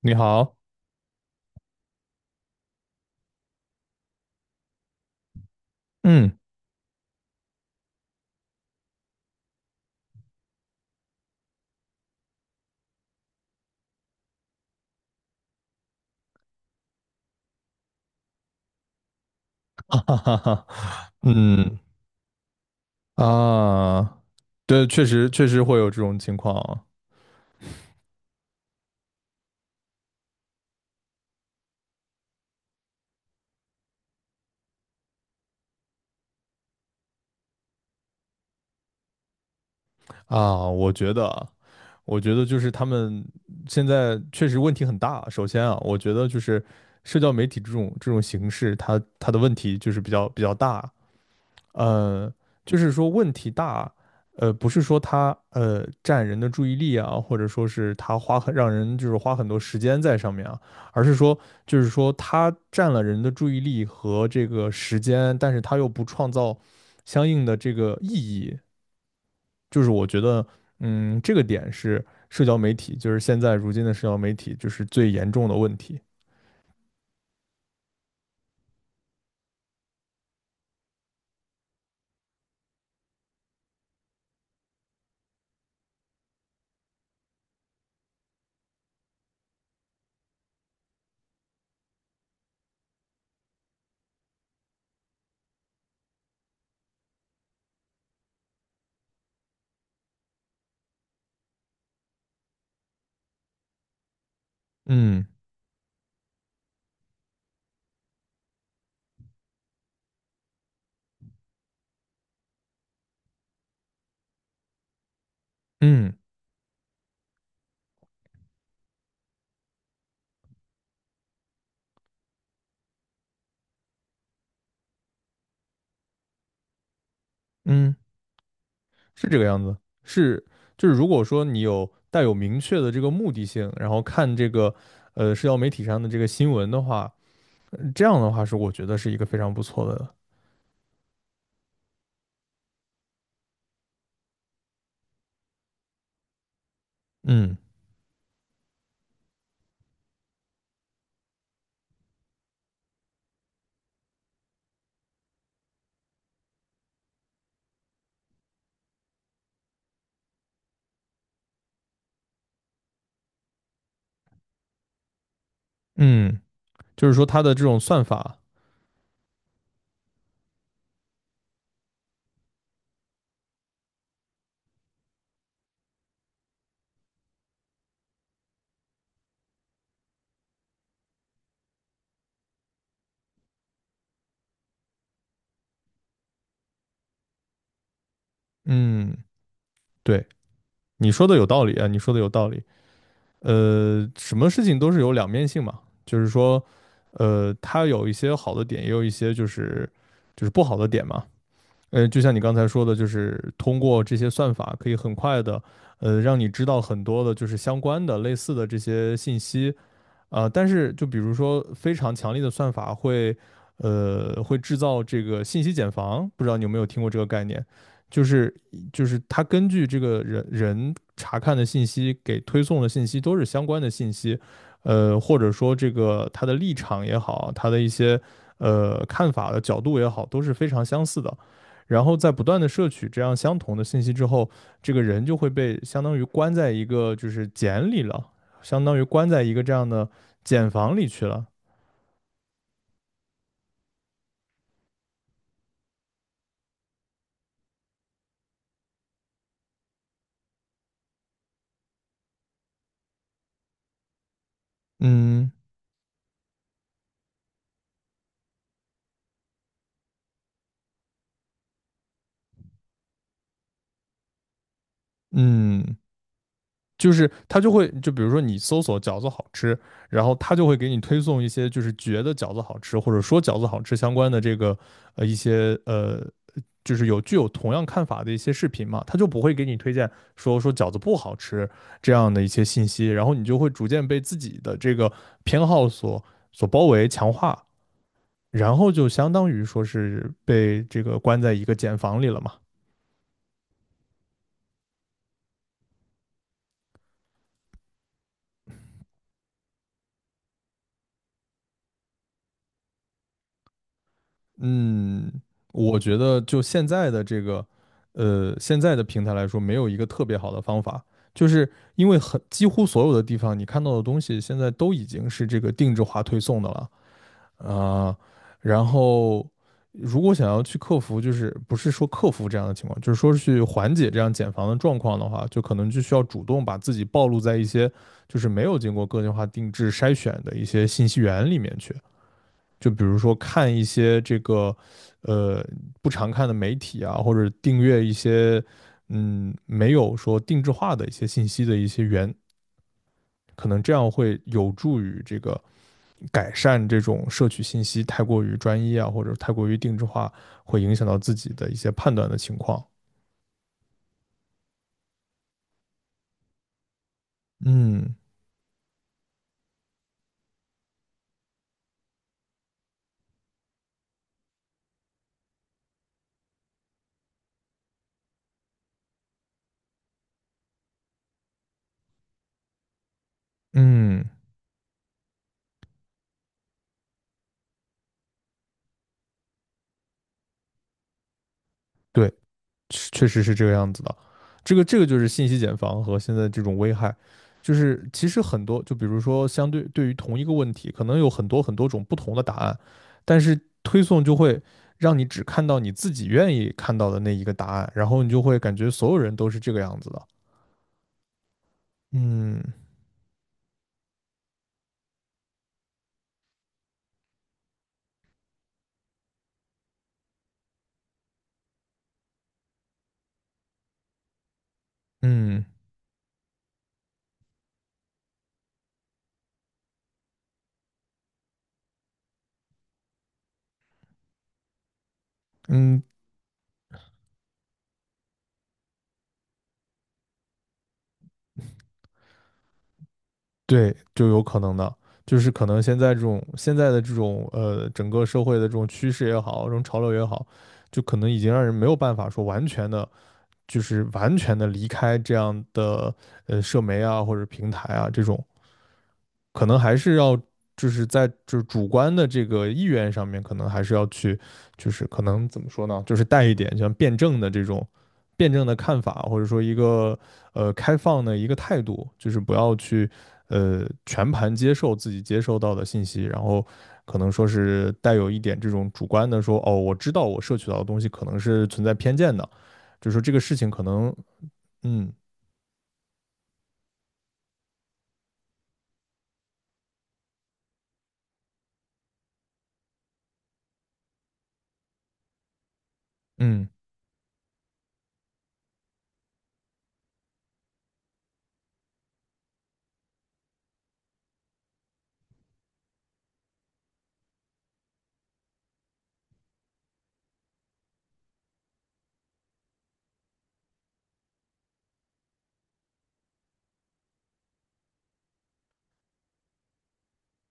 你好，嗯，哈哈哈，哈，嗯啊，对，确实会有这种情况啊。啊我觉得啊，我觉得就是他们现在确实问题很大。首先啊，我觉得就是社交媒体这种形式，它的问题就是比较大。呃，就是说问题大，不是说它占人的注意力啊，或者说是它让人就是花很多时间在上面啊，而是说就是说它占了人的注意力和这个时间，但是它又不创造相应的这个意义，就是我觉得，嗯，这个点是社交媒体，就是现在如今的社交媒体就是最严重的问题。嗯嗯嗯。是这个样子，是就是如果说你有带有明确的这个目的性，然后看这个社交媒体上的这个新闻的话，这样的话是我觉得是一个非常不错的，嗯嗯，就是说它的这种算法，嗯，对，你说的有道理啊，你说的有道理，什么事情都是有两面性嘛，就是说，它有一些好的点，也有一些就是不好的点嘛，就像你刚才说的，就是通过这些算法，可以很快的，让你知道很多的，就是相关的、类似的这些信息，但是就比如说非常强力的算法会制造这个信息茧房，不知道你有没有听过这个概念，就是它根据这个人查看的信息给推送的信息都是相关的信息，或者说这个他的立场也好，他的一些看法的角度也好，都是非常相似的。然后在不断的摄取这样相同的信息之后，这个人就会被相当于关在一个就是茧里了，相当于关在一个这样的茧房里去了。嗯嗯，就是他就会，就比如说你搜索饺子好吃，然后他就会给你推送一些就是觉得饺子好吃或者说饺子好吃相关的这个一些就是具有同样看法的一些视频嘛，他就不会给你推荐说饺子不好吃这样的一些信息，然后你就会逐渐被自己的这个偏好所包围强化，然后就相当于说是被这个关在一个茧房里了嘛。嗯，我觉得就现在的这个，现在的平台来说，没有一个特别好的方法，就是因为几乎所有的地方你看到的东西，现在都已经是这个定制化推送的了啊。然后，如果想要去克服，就是不是说克服这样的情况，就是说去缓解这样减房的状况的话，就可能就需要主动把自己暴露在一些就是没有经过个性化定制筛选的一些信息源里面去。就比如说看一些这个呃不常看的媒体啊，或者订阅一些没有说定制化的一些信息的一些源，可能这样会有助于这个改善这种摄取信息太过于专一啊，或者太过于定制化，会影响到自己的一些判断的情况。嗯嗯，对，确实是这个样子的。这个就是信息茧房和现在这种危害，就是其实很多，就比如说对于同一个问题，可能有很多很多种不同的答案，但是推送就会让你只看到你自己愿意看到的那一个答案，然后你就会感觉所有人都是这个样子的。嗯嗯嗯，对，就有可能的，就是可能现在这种现在的这种整个社会的这种趋势也好，这种潮流也好，就可能已经让人没有办法说完全的就是完全的离开这样的社媒啊或者平台啊这种，可能还是要就是在就是主观的这个意愿上面，可能还是要去就是可能怎么说呢，就是带一点像辩证的看法，或者说一个开放的一个态度，就是不要去全盘接受自己接收到的信息，然后。可能说是带有一点这种主观的说，哦，我知道我摄取到的东西可能是存在偏见的，就是说这个事情可能。嗯嗯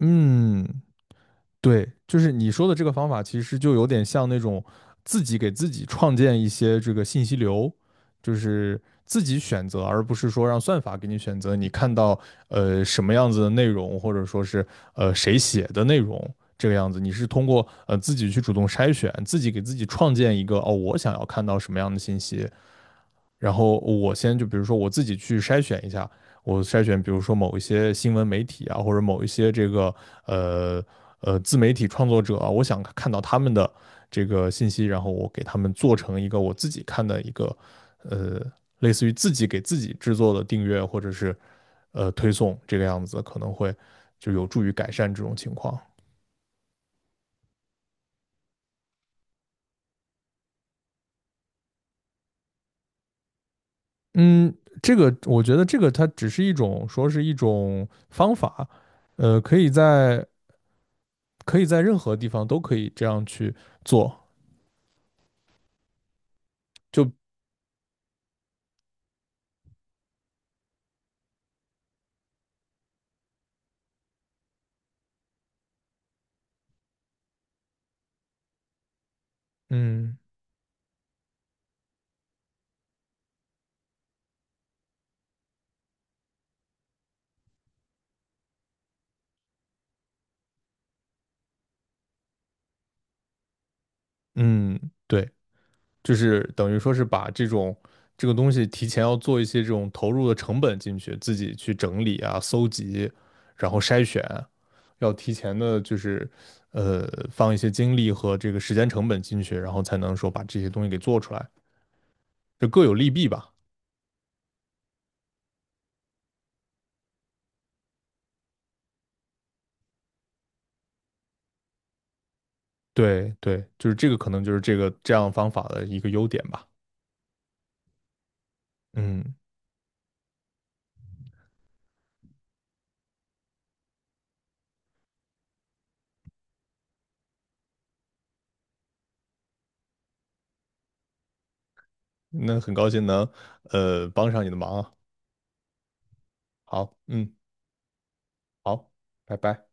嗯，对，就是你说的这个方法，其实就有点像那种自己给自己创建一些这个信息流，就是自己选择，而不是说让算法给你选择。你看到什么样子的内容，或者说是谁写的内容这个样子，你是通过自己去主动筛选，自己给自己创建一个哦，我想要看到什么样的信息，然后我先就比如说我自己去筛选一下，我筛选比如说某一些新闻媒体啊，或者某一些这个呃自媒体创作者啊，我想看到他们的这个信息，然后我给他们做成一个我自己看的一个呃类似于自己给自己制作的订阅或者是推送这个样子，可能会就有助于改善这种情况。嗯，这个我觉得这个它只是一种说是一种方法，可以在任何地方都可以这样去做，就嗯嗯，对，就是等于说是把这种这个东西提前要做一些这种投入的成本进去，自己去整理啊、搜集，然后筛选，要提前的就是放一些精力和这个时间成本进去，然后才能说把这些东西给做出来，就各有利弊吧。对对，就是这个可能就是这个这样方法的一个优点吧。嗯，那很高兴能帮上你的忙啊。好，嗯，好，拜拜。